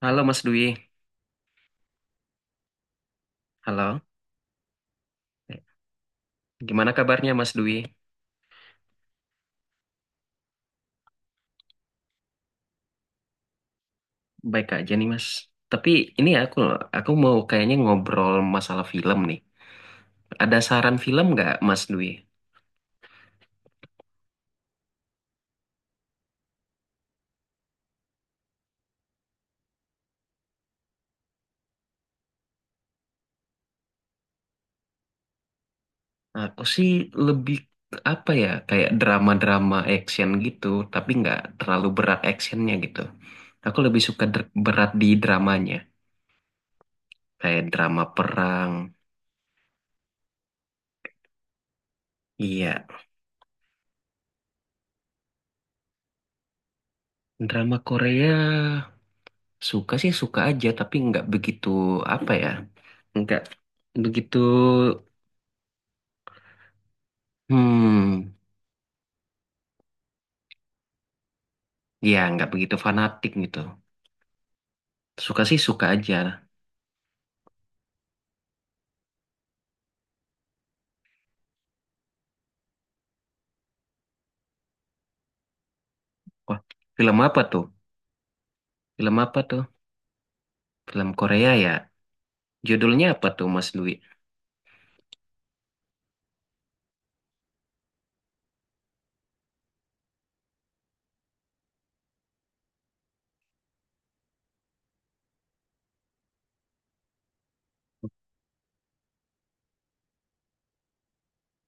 Halo Mas Dwi. Halo. Eh, Gimana kabarnya Mas Dwi? Baik aja nih Mas. Tapi ini aku mau kayaknya ngobrol masalah film nih. Ada saran film nggak Mas Dwi? Aku sih lebih apa ya, kayak drama-drama action gitu, tapi nggak terlalu berat actionnya gitu. Aku lebih suka berat di dramanya, kayak drama perang. Iya, drama Korea. Suka sih suka aja, tapi nggak begitu apa ya, nggak begitu, hmm, ya nggak begitu fanatik gitu. Suka sih suka aja. Wah, film apa tuh? Film apa tuh? Film Korea ya. Judulnya apa tuh, Mas Dwi?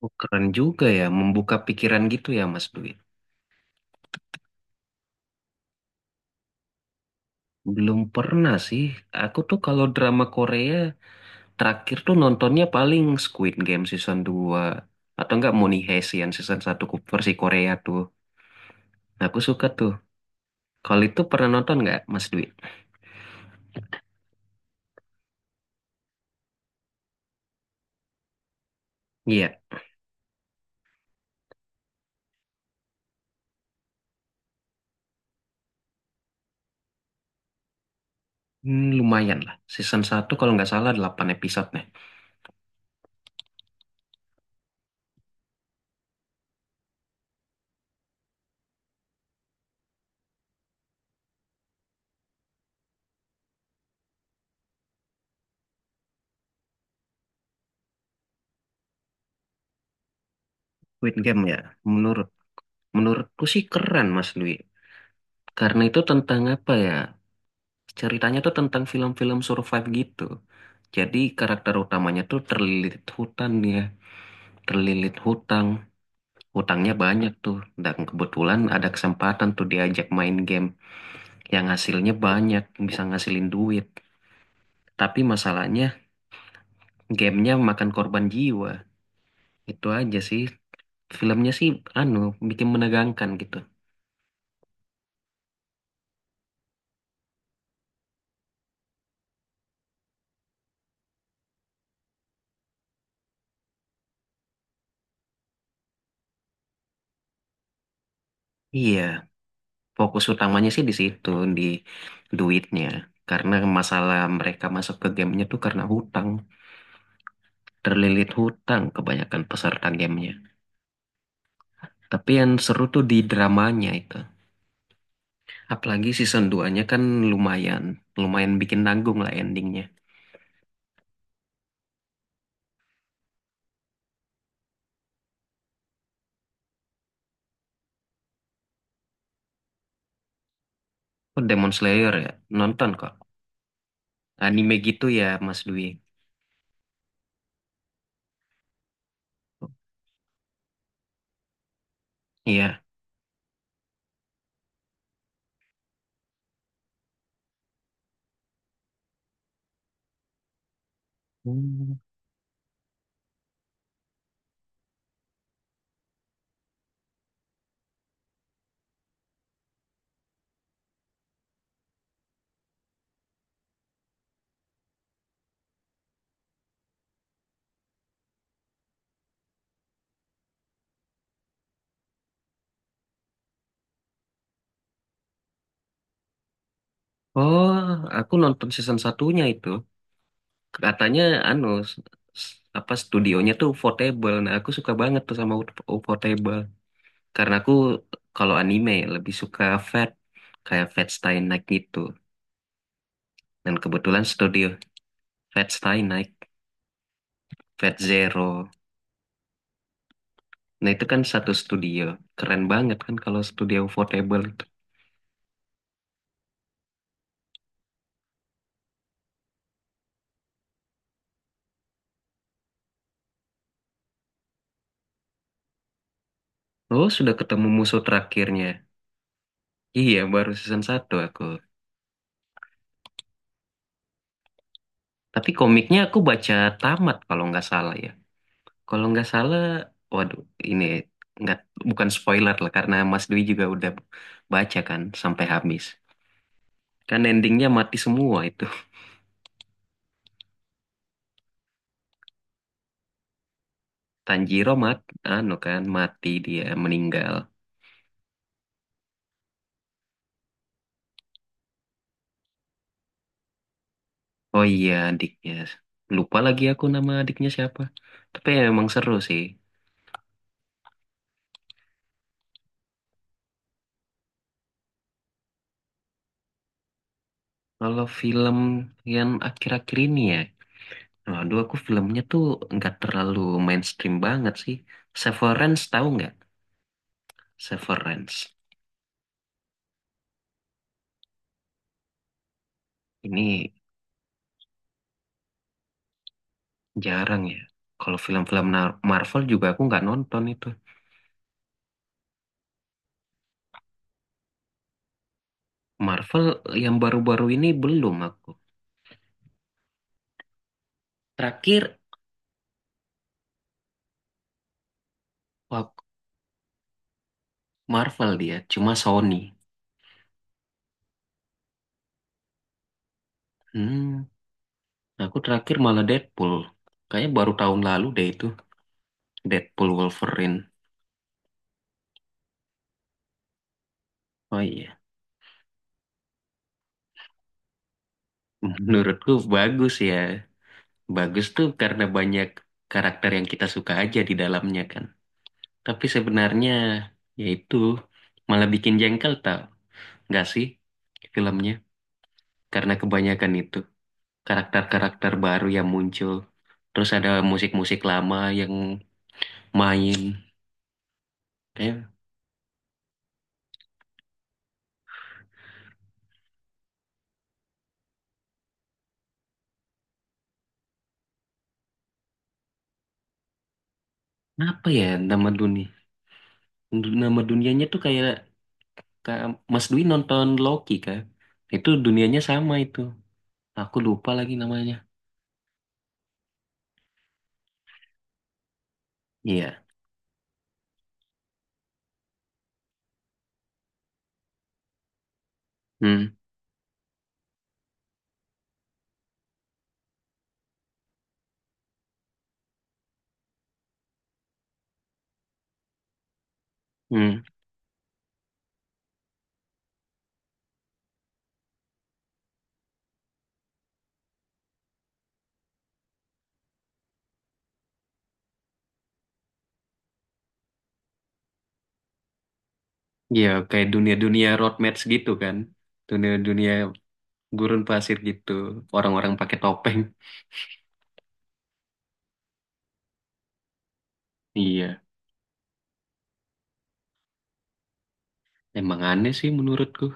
Oh, keren juga ya, membuka pikiran gitu ya, Mas Dwi. Belum pernah sih. Aku tuh kalau drama Korea terakhir tuh nontonnya paling Squid Game season 2 atau enggak Money Heist yang season satu versi Korea tuh. Nah, aku suka tuh. Kalau itu pernah nonton nggak, Mas Dwi? Iya. Hmm, lumayan lah. Season satu kalau nggak salah delapan episode nih. Squid Game ya, menurutku sih keren, Mas Dwi. Karena itu tentang apa ya? Ceritanya tuh tentang film-film survive gitu. Jadi karakter utamanya tuh terlilit hutan ya, terlilit hutang. Hutangnya banyak tuh, dan kebetulan ada kesempatan tuh diajak main game yang hasilnya banyak, bisa ngasilin duit. Tapi masalahnya, gamenya makan korban jiwa. Itu aja sih. Filmnya sih anu bikin menegangkan gitu. Iya, fokus utamanya sih di situ, di duitnya. Karena masalah mereka masuk ke gamenya tuh karena hutang, terlilit hutang kebanyakan peserta gamenya. Tapi yang seru tuh di dramanya itu. Apalagi season duanya kan lumayan, lumayan bikin nanggung lah endingnya. Oh, Demon Slayer ya, nonton kok. Anime gitu ya Mas Dwi. Iya. Hmm. Oh, aku nonton season satunya itu. Katanya anu apa studionya tuh portable. Nah, aku suka banget tuh sama portable. Karena aku kalau anime lebih suka Fate, kayak Fate Stay Night gitu. Dan kebetulan studio Fate Stay Night, Fate Zero. Nah, itu kan satu studio. Keren banget kan kalau studio portable itu. Oh, sudah ketemu musuh terakhirnya. Iya, baru season satu aku. Tapi komiknya aku baca tamat kalau nggak salah ya. Kalau nggak salah, waduh, ini nggak bukan spoiler lah karena Mas Dwi juga udah baca kan sampai habis. Kan endingnya mati semua itu. Tanjiro mat, anu kan mati, dia meninggal. Oh iya, adiknya. Lupa lagi aku nama adiknya siapa. Tapi ya emang seru sih. Kalau film yang akhir-akhir ini ya, waduh aku filmnya tuh nggak terlalu mainstream banget sih. Severance tahu nggak? Severance. Ini jarang ya. Kalau film-film Marvel juga aku nggak nonton itu. Marvel yang baru-baru ini belum aku. Terakhir wak- Marvel dia, cuma Sony. Hmm, aku terakhir malah Deadpool. Kayaknya baru tahun lalu deh itu Deadpool Wolverine. Oh iya, menurutku bagus ya. Bagus tuh karena banyak karakter yang kita suka aja di dalamnya kan. Tapi sebenarnya yaitu malah bikin jengkel tau, nggak sih filmnya? Karena kebanyakan itu, karakter-karakter baru yang muncul. Terus ada musik-musik lama yang main. Kayak apa ya nama dunia? Nama dunianya tuh kayak, kayak Mas Dwi nonton Loki kan? Itu dunianya sama itu. Aku lupa lagi namanya. Iya. Hmm. Hmm. Iya, kayak dunia-dunia road match gitu kan. Dunia-dunia gurun pasir gitu. Orang-orang pakai topeng. Iya. Emang aneh sih menurutku.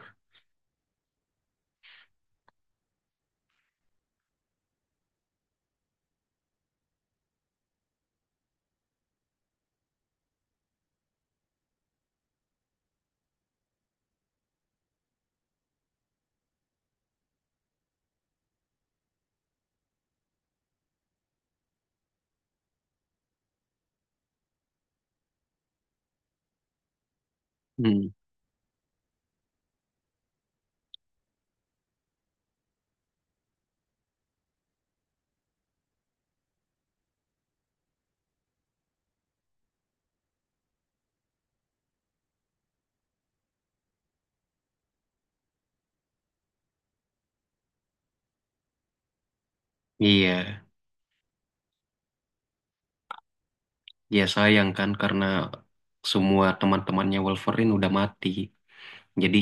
Hmm. Iya. Ya sayang kan karena semua teman-temannya Wolverine udah mati. Jadi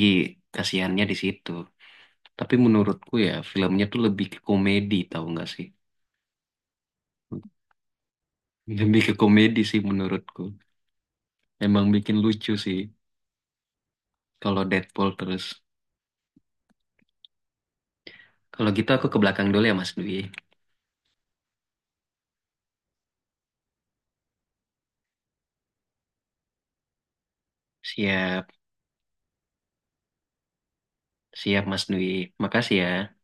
kasihannya di situ. Tapi menurutku ya filmnya tuh lebih ke komedi tahu nggak sih? Lebih ke komedi sih menurutku. Emang bikin lucu sih kalau Deadpool terus. Kalau gitu aku ke belakang dulu ya Mas Dwi. Siap, siap Mas Dwi. Makasih ya.